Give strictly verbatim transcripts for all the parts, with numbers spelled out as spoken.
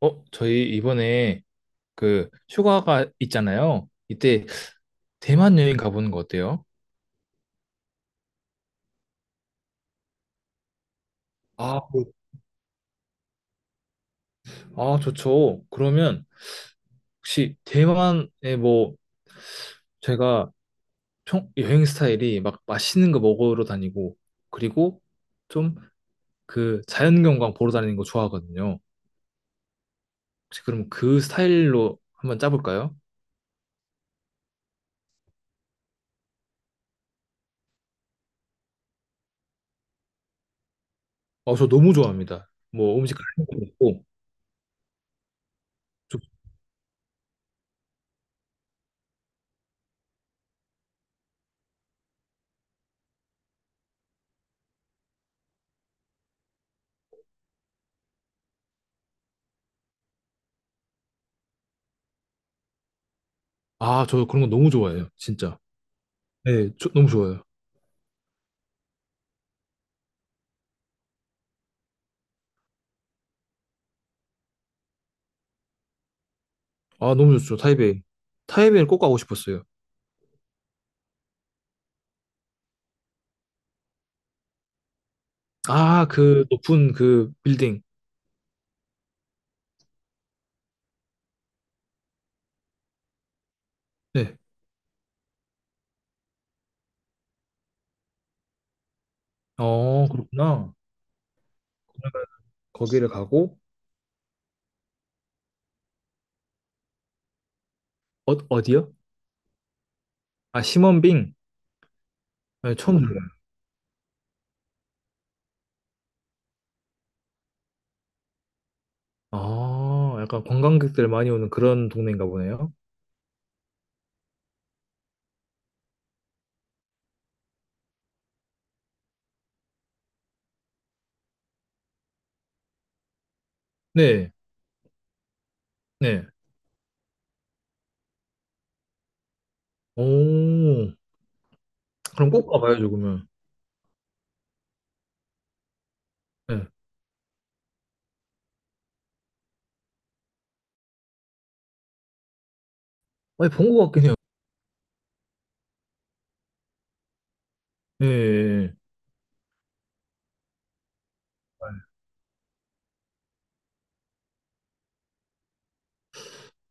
어, 저희 이번에 그 휴가가 있잖아요. 이때 대만 여행 가보는 거 어때요? 아, 그- 아, 좋죠. 그러면 혹시 대만에 뭐 제가 총 여행 스타일이 막 맛있는 거 먹으러 다니고 그리고 좀 그 자연경관 보러 다니는 거 좋아하거든요. 혹시 그럼 그 스타일로 한번 짜볼까요? 어, 저 너무 좋아합니다. 뭐 음식 같은 거 먹고. 저- 아, 저 그런 거 너무 좋아해요. 진짜. 네, 저- 너무 좋아요. 아, 너무 좋죠. 타이베이. 타이베이를 꼭 가고 싶었어요. 아, 그 높은 그 빌딩. 네. 어, 그렇구나. 거기를 가고, 어, 어디요? 아, 시먼빙. 네, 처음 들어요. 아, 약간 관광객들 많이 오는 그런 동네인가 보네요. 네, 네. 오, 그럼 꼭 가봐야죠, 그러면. 네. 아니, 본것 같긴 해요. 네. 네, 네.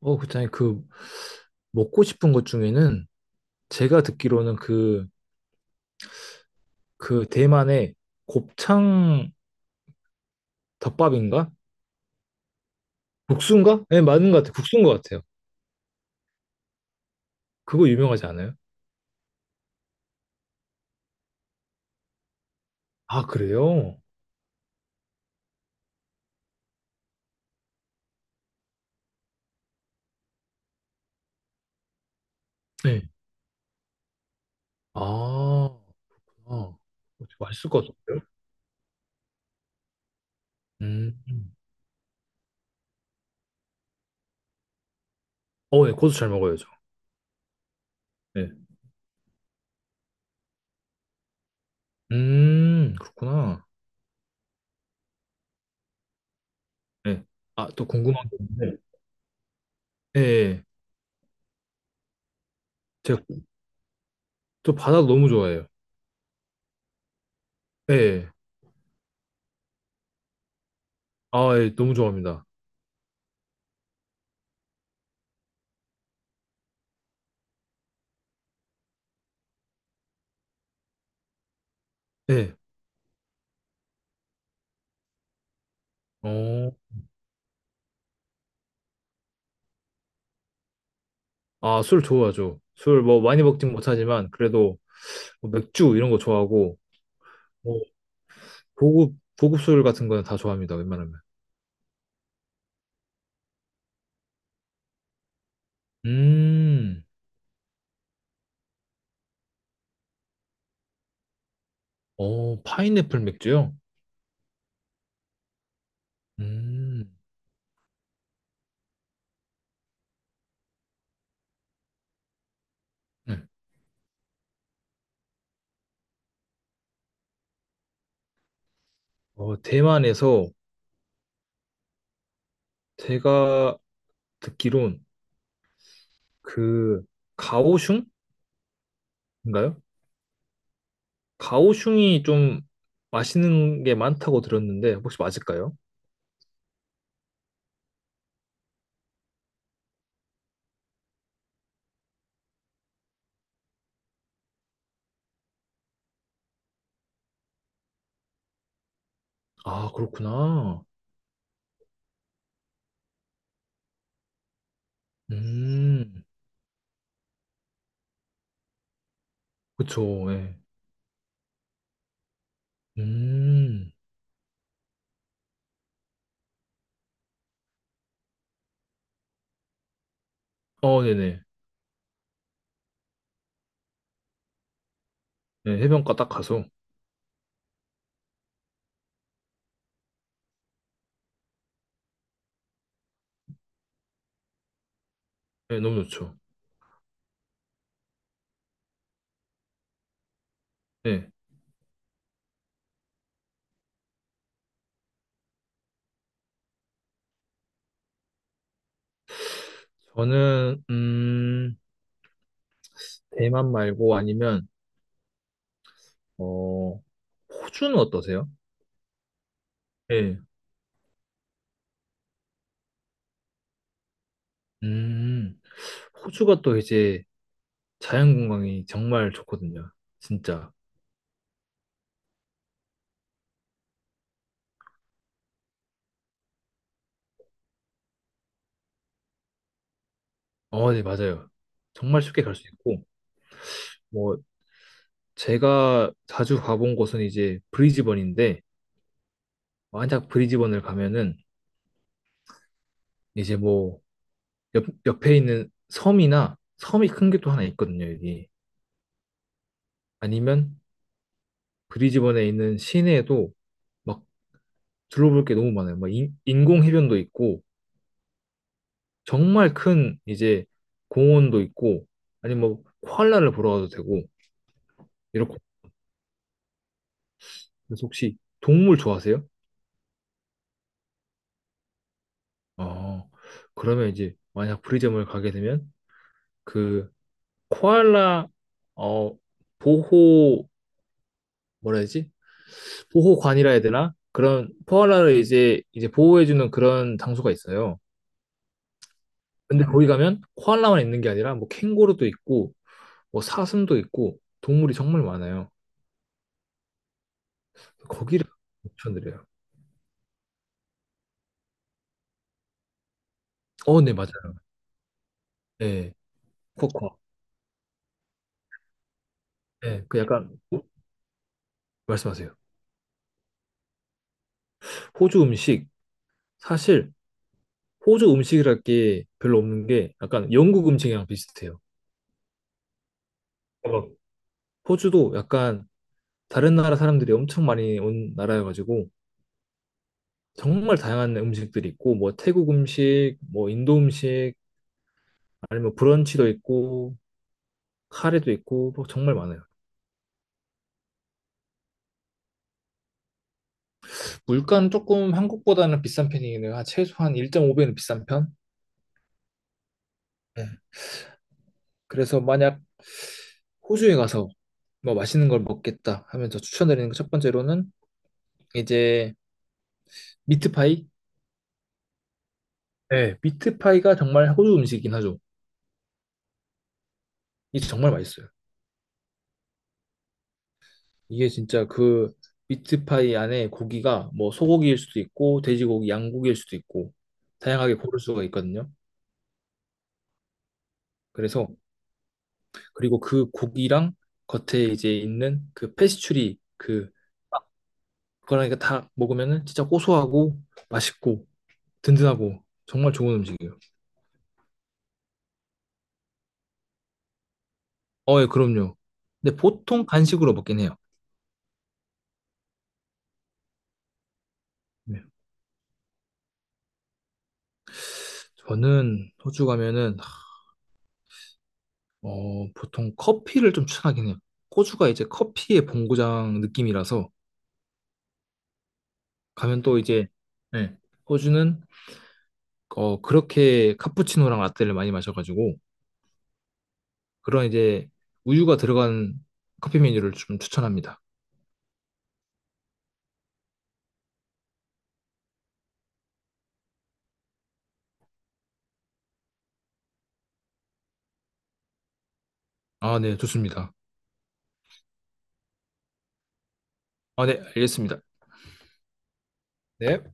어, 그렇잖아요. 그, 먹고 싶은 것 중에는 제가 듣기로는 그, 그 대만의 곱창 덮밥인가? 국수인가? 네, 맞는 것 같아요. 국수인 것 같아요. 그거 유명하지 않아요? 아, 그래요? 네. 아, 아, 맛있을 것 같은데요? 음. 어, 예, 고수 잘 먹어야죠. 네. 음, 그렇구나. 네. 아, 또 궁금한 게 있는데. 예, 예. 제가 또 바다도 너무 좋아해요. 예. 예. 아, 예, 너무 좋아합니다. 예. 어, 아, 술 좋아하죠. 술 뭐 많이 먹진 못하지만, 그래도 뭐 맥주 이런 거 좋아하고, 뭐 고급, 고급 술 같은 거는 다 좋아합니다, 웬만하면. 음. 어, 파인애플 맥주요? 음. 네. 어, 대만에서 제가 듣기론 그 가오슝인가요? 가오슝이 좀 맛있는 게 많다고 들었는데 혹시 맞을까요? 아, 그렇구나. 음. 그쵸. 예. 음. 어, 네네. 예, 해변가 딱 가서. 예, 너무 좋죠. 예. 저는 음, 대만 말고 아니면 어, 호주는 어떠세요? 예. 음. 호주가 또 이제 자연관광이 정말 좋거든요. 진짜. 어, 네, 맞아요. 정말 쉽게 갈 수 있고, 뭐, 제가 자주 가본 곳은 이제 브리즈번인데, 만약 브리즈번을 가면은 이제 뭐, 옆, 옆에 있는 섬이나 섬이 큰 게 또 하나 있거든요, 여기. 아니면 브리즈번에 있는 시내에도 막 둘러볼 게 너무 많아요. 막 인, 인공 해변도 있고, 정말 큰 이제 공원도 있고, 아니면 뭐, 코알라를 보러 가도 되고, 이렇게 그래서 혹시 동물 좋아하세요? 어, 그러면 이제 만약 브리점을 가게 되면 그 코알라 어 보호 뭐라 해야지? 보호관이라 해야 되나? 그런 코알라를 이제 이제 보호해주는 그런 장소가 있어요. 근데 거기 가면 코알라만 있는 게 아니라 뭐 캥거루도 있고 뭐 사슴도 있고 동물이 정말 많아요. 거기를 추천드려요. 어, 네, 맞아요. 네, 코코. 네, 그 약간 말씀하세요. 호주 음식 사실 호주 음식이랄 게 별로 없는 게 약간 영국 음식이랑 비슷해요. 어, 호주도 약간 다른 나라 사람들이 엄청 많이 온 나라여가지고 정말 다양한 음식들이 있고 뭐 태국 음식, 뭐 인도 음식, 아니면 브런치도 있고 카레도 있고 뭐 정말 많아요. 물가는 조금 한국보다는 비싼 편이긴 해요. 한 최소한 일 점 오 배는 비싼 편? 네. 그래서 만약 호주에 가서 뭐 맛있는 걸 먹겠다 하면 저 추천드리는 거 첫 번째로는 이제 미트파이. 네, 미트파이가 정말 호주 음식이긴 하죠. 이게 정말 맛있어요. 이게 진짜 그 미트파이 안에 고기가 뭐 소고기일 수도 있고 돼지고기, 양고기일 수도 있고 다양하게 고를 수가 있거든요. 그래서 그리고 그 고기랑 겉에 이제 있는 그 페스츄리 그 그러니까 다 먹으면은 진짜 고소하고 맛있고 든든하고 정말 좋은 음식이에요. 어, 예, 그럼요. 근데 보통 간식으로 먹긴 해요. 네. 저는 호주 가면은 어, 보통 커피를 좀 추천하긴 해요. 호주가 이제 커피의 본고장 느낌이라서 가면 또 이제. 네, 호주는 어, 그렇게 카푸치노랑 라떼를 많이 마셔가지고 그런 이제 우유가 들어간 커피 메뉴를 좀 추천합니다. 아, 네, 좋습니다. 아, 네, 알겠습니다. 네.